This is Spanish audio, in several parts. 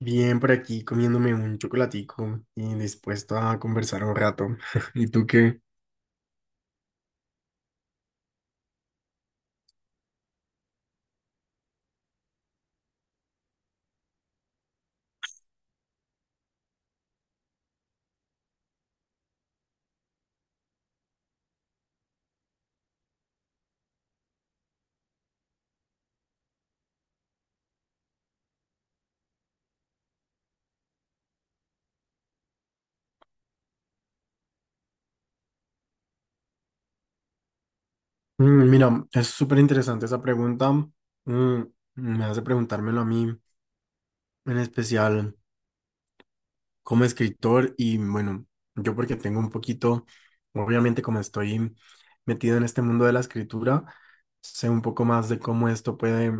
Bien, por aquí comiéndome un chocolatico y dispuesto a conversar un rato. ¿Y tú qué? Mm, mira, es súper interesante esa pregunta. Mm, Me hace preguntármelo a mí, en especial como escritor y bueno, yo porque tengo un poquito, obviamente como estoy metido en este mundo de la escritura, sé un poco más de cómo esto puede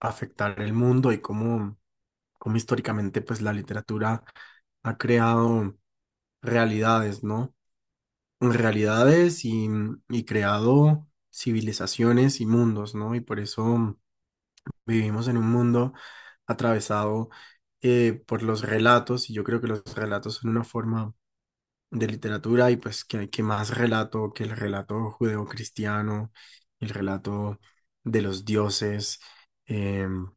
afectar el mundo y cómo históricamente pues la literatura ha creado realidades, ¿no? realidades y, y creado civilizaciones y mundos, ¿no? Y por eso vivimos en un mundo atravesado por los relatos, y yo creo que los relatos son una forma de literatura, y pues hay que más relato que el relato judeocristiano, el relato de los dioses. em,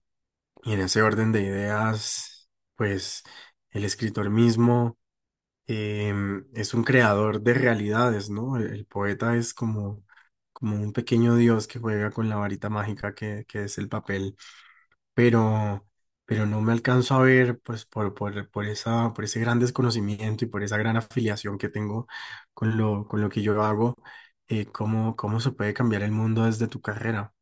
y en ese orden de ideas, pues el escritor mismo es un creador de realidades, ¿no? El poeta es como un pequeño dios que juega con la varita mágica que es el papel, pero, pero no me alcanzo a ver, pues, por esa, por ese gran desconocimiento y por esa gran afiliación que tengo con lo que yo hago, cómo se puede cambiar el mundo desde tu carrera.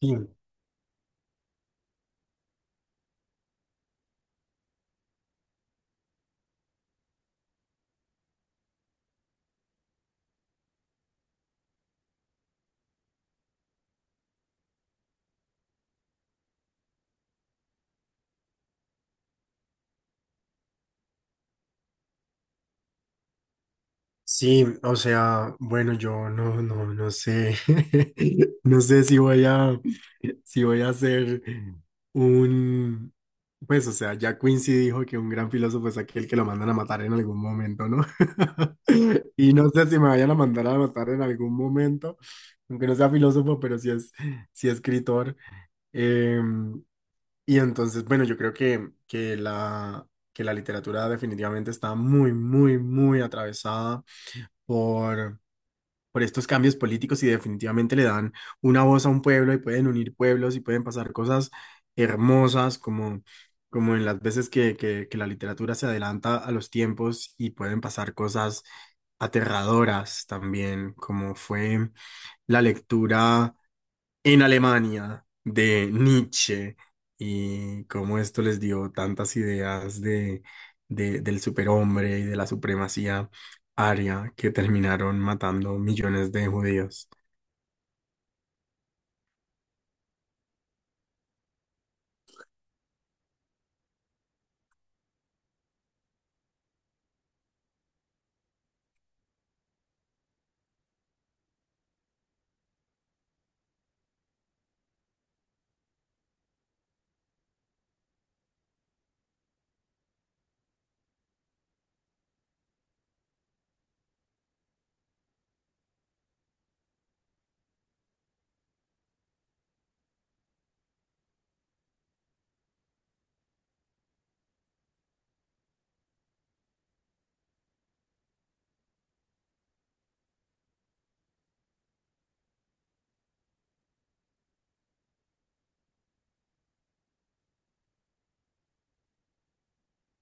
Sí. Sí, o sea, bueno, yo no sé, no sé si voy si voy a hacer un, pues, o sea, ya Quincy dijo que un gran filósofo es aquel que lo mandan a matar en algún momento, ¿no? Y no sé si me vayan a mandar a matar en algún momento, aunque no sea filósofo, pero sí sí escritor. Em, y entonces, bueno, yo creo que que la literatura definitivamente está muy, muy, muy atravesada por, por estos cambios políticos, y definitivamente le dan una voz a un pueblo y pueden unir pueblos y pueden pasar cosas hermosas como en las veces que la literatura se adelanta a los tiempos, y pueden pasar cosas aterradoras también, como fue la lectura en Alemania de Nietzsche y cómo esto les dio tantas ideas del superhombre y de la supremacía aria, que terminaron matando millones de judíos.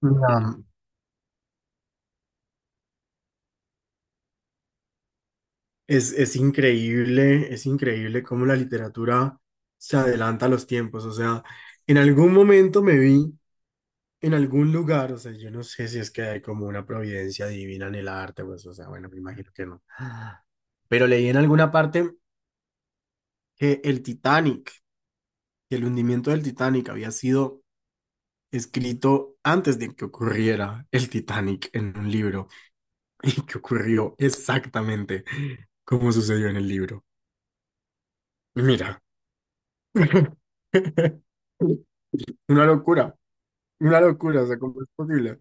La- es, es increíble cómo la literatura se adelanta a los tiempos. O sea, en algún momento me vi en algún lugar. O sea, yo no sé si es que hay como una providencia divina en el arte, pues, o sea, bueno, me imagino que no. Pero leí en alguna parte que el Titanic, que el hundimiento del Titanic había sido escrito antes de que ocurriera el Titanic en un libro, y que ocurrió exactamente como sucedió en el libro. Mira, una locura, una locura. O sea, ¿cómo es posible?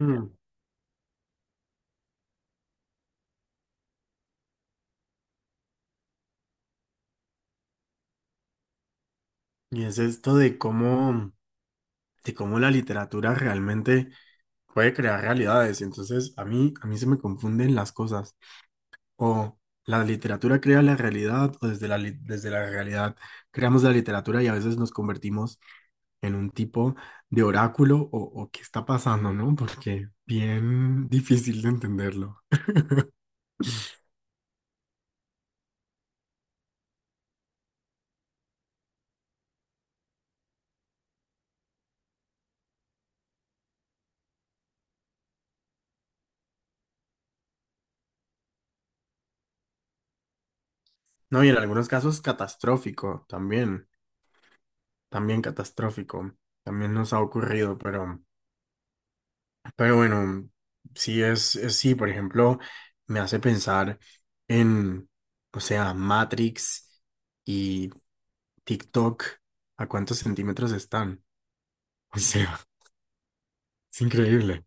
Mm. Y es esto de de cómo la literatura realmente puede crear realidades. Y entonces a mí se me confunden las cosas. O la literatura crea la realidad, o desde desde la realidad creamos la literatura, y a veces nos convertimos en un tipo de oráculo o qué está pasando, ¿no? Porque bien difícil de entenderlo. No, y en algunos casos catastrófico también, también catastrófico, también nos ha ocurrido, pero bueno, sí sí, por ejemplo, me hace pensar en, o sea, Matrix y TikTok, ¿a cuántos centímetros están? O sea, es increíble.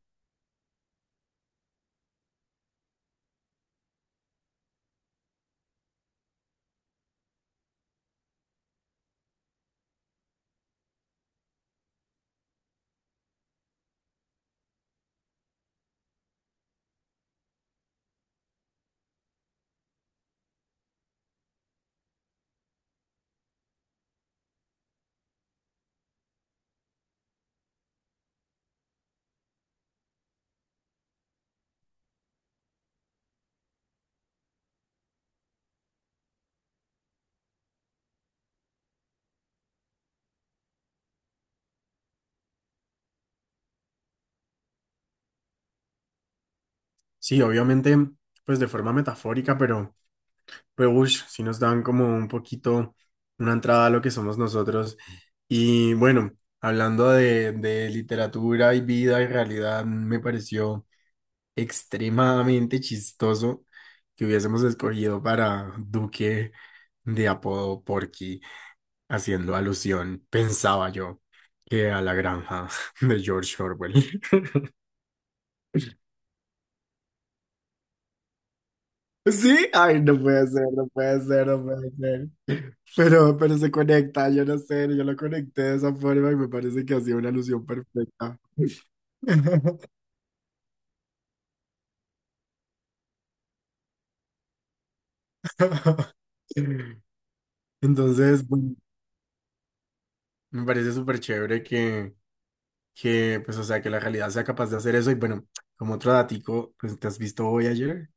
Sí, obviamente, pues de forma metafórica, pero ush, sí nos dan como un poquito una entrada a lo que somos nosotros. Y bueno, hablando de literatura y vida y realidad, me pareció extremadamente chistoso que hubiésemos escogido para Duque de apodo Porky, haciendo alusión, pensaba yo, que a la granja de George Orwell. Sí, ay, no puede ser, no puede ser, no puede ser. Pero se conecta, yo no sé, yo lo conecté de esa forma y me parece que hacía una alusión perfecta. Entonces, bueno, me parece súper chévere pues, o sea, que la realidad sea capaz de hacer eso. Y bueno, como otro datico, pues, ¿te has visto hoy ayer?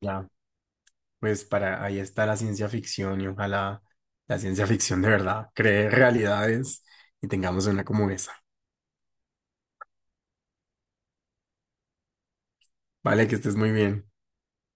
Ya, pues para ahí está la ciencia ficción, y ojalá la ciencia ficción de verdad cree realidades y tengamos una como esa. Vale, que estés muy bien.